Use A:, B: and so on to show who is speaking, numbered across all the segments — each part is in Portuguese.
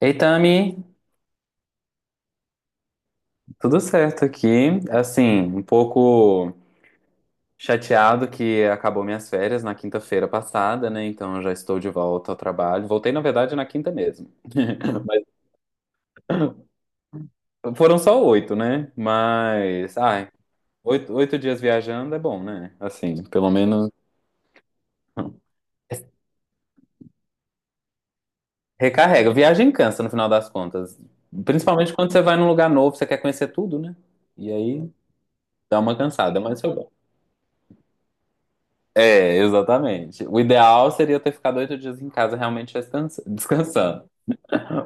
A: Ei, Tami, tudo certo aqui? Assim, um pouco chateado que acabou minhas férias na quinta-feira passada, né? Então eu já estou de volta ao trabalho. Voltei, na verdade, na quinta mesmo. Mas foram só oito, né? Mas, ai, oito dias viajando é bom, né? Assim, pelo menos recarrega. Viagem cansa no final das contas. Principalmente quando você vai num lugar novo, você quer conhecer tudo, né? E aí dá uma cansada, mas foi bom. É, exatamente. O ideal seria eu ter ficado 8 dias em casa realmente descansando.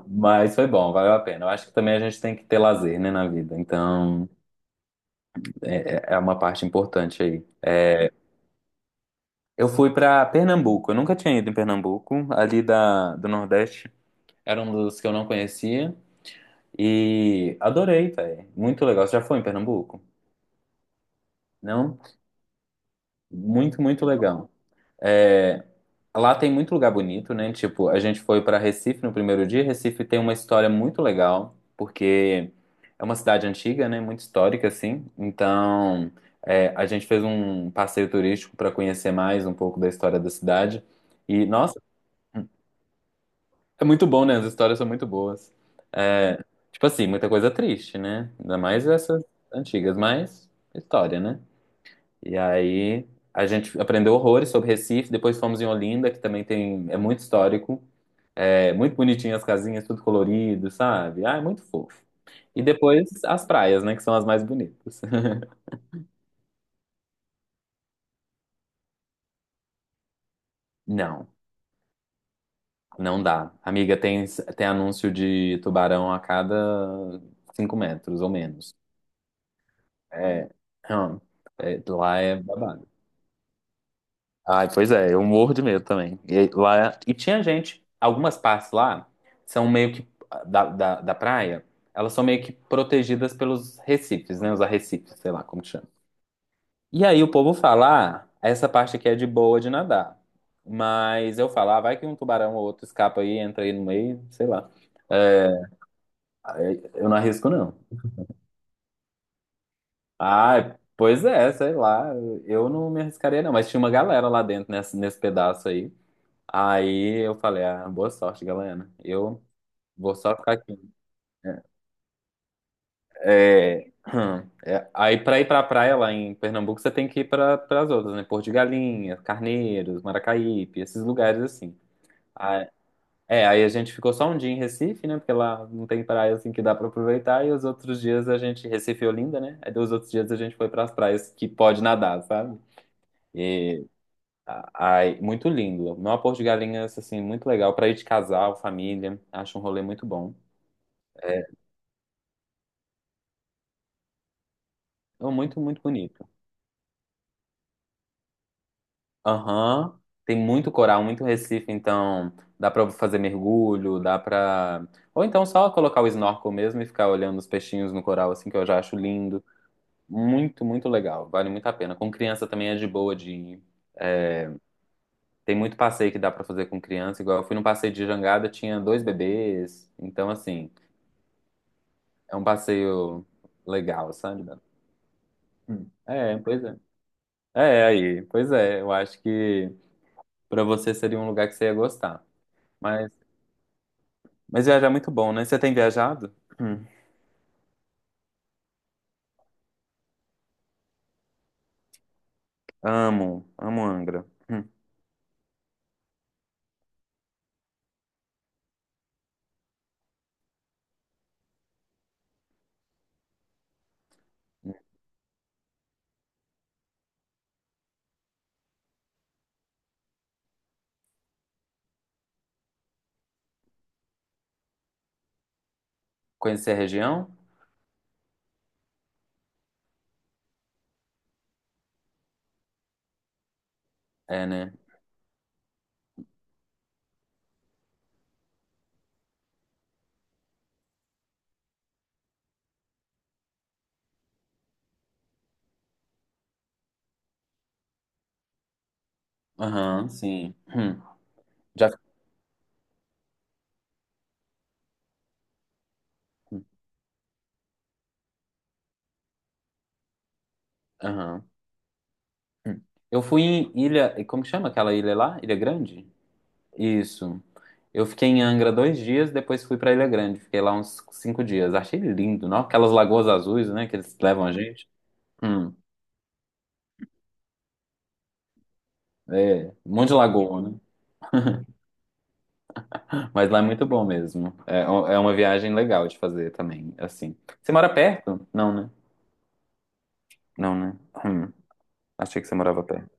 A: Mas foi bom, valeu a pena. Eu acho que também a gente tem que ter lazer, né, na vida. Então, é uma parte importante aí. Eu fui pra Pernambuco. Eu nunca tinha ido em Pernambuco, ali do Nordeste. Era um dos que eu não conhecia. E adorei, velho. Muito legal. Você já foi em Pernambuco? Não? Muito, muito legal. É, lá tem muito lugar bonito, né? Tipo, a gente foi para Recife no primeiro dia. Recife tem uma história muito legal, porque é uma cidade antiga, né? Muito histórica, assim. Então, é, a gente fez um passeio turístico para conhecer mais um pouco da história da cidade. E, nossa, é muito bom, né? As histórias são muito boas. Tipo assim, muita coisa triste, né? Ainda mais essas antigas, mas história, né? E aí, a gente aprendeu horrores sobre Recife. Depois fomos em Olinda, que também tem, é muito histórico. É muito bonitinho as casinhas, tudo colorido, sabe? Ah, é muito fofo. E depois as praias, né? Que são as mais bonitas. Não, não dá. Amiga, tem anúncio de tubarão a cada 5 metros ou menos. É, hum, é, lá é babado. Ai, pois é, eu morro de medo também. E, lá, é, e tinha gente, algumas partes lá são meio que da praia, elas são meio que protegidas pelos recifes, né? Os arrecifes, sei lá como que chama. E aí o povo fala, ah, essa parte aqui é de boa de nadar. Mas eu falo, ah, vai que um tubarão ou outro escapa aí, entra aí no meio, sei lá. É, eu não arrisco, não. Ah, pois é, sei lá. Eu não me arriscaria, não. Mas tinha uma galera lá dentro nesse pedaço aí. Aí eu falei, ah, boa sorte, galera. Eu vou só ficar aqui. É, é, aí pra ir pra praia lá em Pernambuco, você tem que ir para as outras, né? Porto de Galinhas, Carneiros, Maracaípe, esses lugares assim. É, aí a gente ficou só um dia em Recife, né? Porque lá não tem praia assim que dá pra aproveitar. E os outros dias a gente, Recife e Olinda, né? Aí os outros dias a gente foi pras praias que pode nadar, sabe? E a- aí, muito lindo. Uma Porto de Galinhas, assim, muito legal pra ir de casal, família. Acho um rolê muito bom. É muito, muito bonito. Aham. Tem muito coral, muito Recife, então dá pra fazer mergulho, dá pra. Ou então só colocar o snorkel mesmo e ficar olhando os peixinhos no coral, assim, que eu já acho lindo. Muito, muito legal. Vale muito a pena. Com criança também é de boa de ir. Tem muito passeio que dá pra fazer com criança. Igual eu fui num passeio de jangada, tinha dois bebês. Então, assim, é um passeio legal, sabe? Hum. É, pois é. É, aí, pois é. Eu acho que pra você seria um lugar que você ia gostar. Mas, mas viajar é muito bom, né? Você tem viajado? Hum. Amo, amo Angra. Hum. Conhecer a região? É, né? Aham, sim. Hum. Já. Hum. Aham. Hum. Eu fui em Ilha, e como que chama aquela ilha lá? Ilha Grande? Isso. Eu fiquei em Angra 2 dias, depois fui pra Ilha Grande. Fiquei lá uns 5 dias. Achei lindo, não? Aquelas lagoas azuis, né, que eles levam a gente. Hum, é, um monte de lagoa, né? Mas lá é muito bom mesmo. É, é uma viagem legal de fazer também, assim. Você mora perto? Não, né? Não, né? Hum, achei que você morava perto.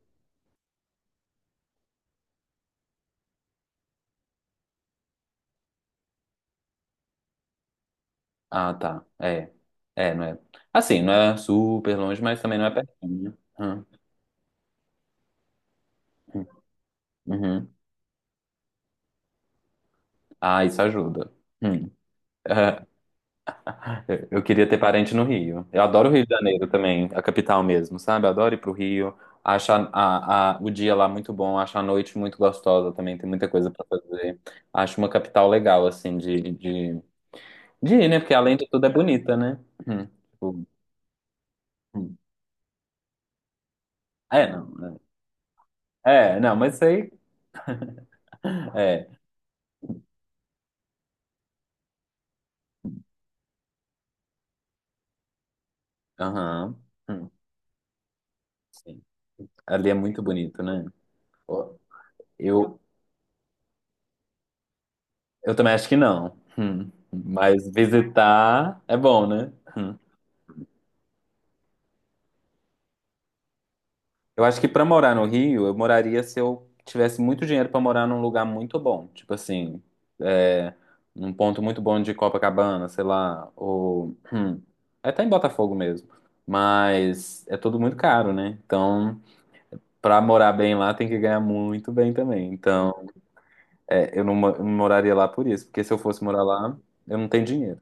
A: Ah, tá. É. É, não é. Assim, não é super longe, mas também não é pertinho, né? Hum. Hum, uhum. Ah, isso ajuda. Hum. Eu queria ter parente no Rio. Eu adoro o Rio de Janeiro também, a capital mesmo, sabe? Eu adoro ir pro Rio. Acho o dia lá muito bom, acho a noite muito gostosa também, tem muita coisa pra fazer. Acho uma capital legal, assim, de ir, né? Porque além de tudo é bonita, né? Hum. Tipo, hum. É, não. É, é, não, mas isso aí. É. Aham. Hum, sim. Ali é muito bonito, né? Ó, Eu, Eu também acho que não. Hum. Mas visitar é bom, né? Hum. Eu acho que pra morar no Rio, eu moraria se eu tivesse muito dinheiro pra morar num lugar muito bom. Tipo assim, é, num ponto muito bom de Copacabana, sei lá, ou até em Botafogo mesmo. Mas é tudo muito caro, né? Então, pra morar bem lá, tem que ganhar muito bem também. Então, é, eu não moraria lá por isso, porque se eu fosse morar lá, eu não tenho dinheiro.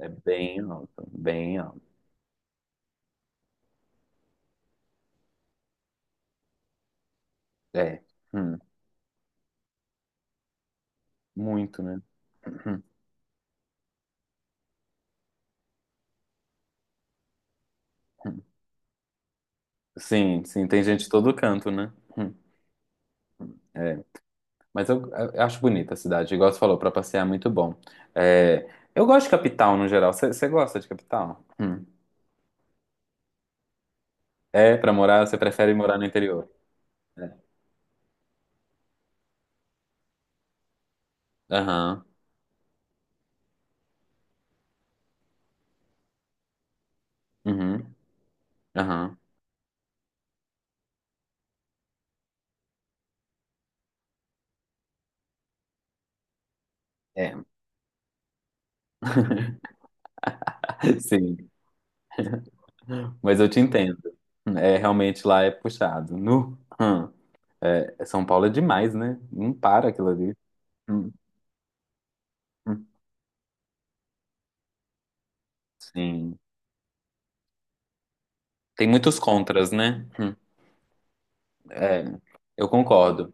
A: É bem alto, bem alto. É. Hum. Muito, né? Sim, sim, tem gente de todo canto, né? É, mas eu acho bonita a cidade, igual você falou, pra passear é muito bom. É, eu gosto de capital no geral. Você gosta de capital? Hum. É, pra morar, você prefere morar no interior? Aham, uhum, aham. É. Sim, mas eu te entendo. É, realmente lá é puxado. Nu. Hum. É, São Paulo é demais, né? Não para aquilo ali. Hum, hum. Sim. Tem muitos contras, né? Hum. É. Eu concordo.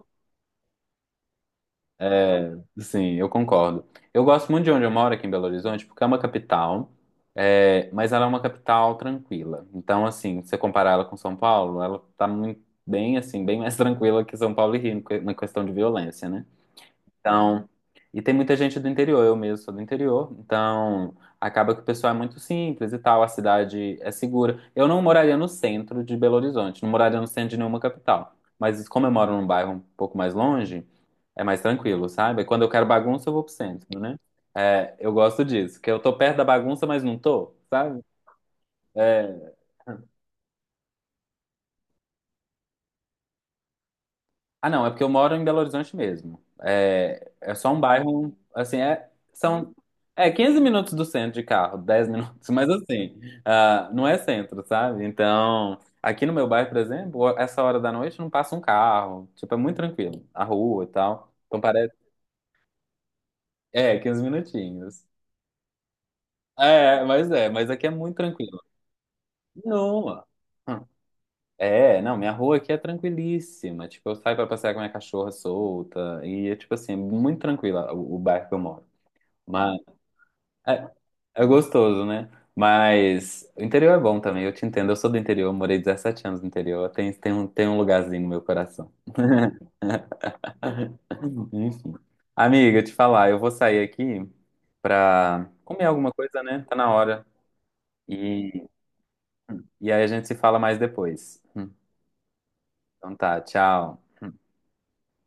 A: Sim, eu concordo. Eu gosto muito de onde eu moro aqui em Belo Horizonte, porque é uma capital, é, mas ela é uma capital tranquila. Então, assim, se você comparar ela com São Paulo, ela tá muito bem, assim, bem mais tranquila que São Paulo e Rio na questão de violência, né? Então, e tem muita gente do interior, eu mesmo sou do interior, então acaba que o pessoal é muito simples e tal, a cidade é segura. Eu não moraria no centro de Belo Horizonte, não moraria no centro de nenhuma capital, mas como eu moro num bairro um pouco mais longe, é mais tranquilo, sabe? Quando eu quero bagunça, eu vou pro centro, né? É, eu gosto disso, que eu tô perto da bagunça, mas não tô, sabe? É. Ah, não, é porque eu moro em Belo Horizonte mesmo. É, é só um bairro, assim, é, são é 15 minutos do centro de carro, 10 minutos, mas assim, ah, não é centro, sabe? Então, aqui no meu bairro, por exemplo, essa hora da noite não passa um carro, tipo, é muito tranquilo, a rua e tal. Então parece, é, 15 minutinhos. É, mas aqui é muito tranquilo. Não. É, não, minha rua aqui é tranquilíssima. Tipo, eu saio pra passear com minha cachorra solta e é tipo assim, é muito tranquila o bairro que eu moro. Mas é, é gostoso, né? Mas o interior é bom também, eu te entendo. Eu sou do interior, eu morei 17 anos no interior. Tem um lugarzinho no meu coração. Enfim. Amiga, te falar, eu vou sair aqui pra comer alguma coisa, né? Tá na hora. E, e aí a gente se fala mais depois. Hum. Então tá, tchau.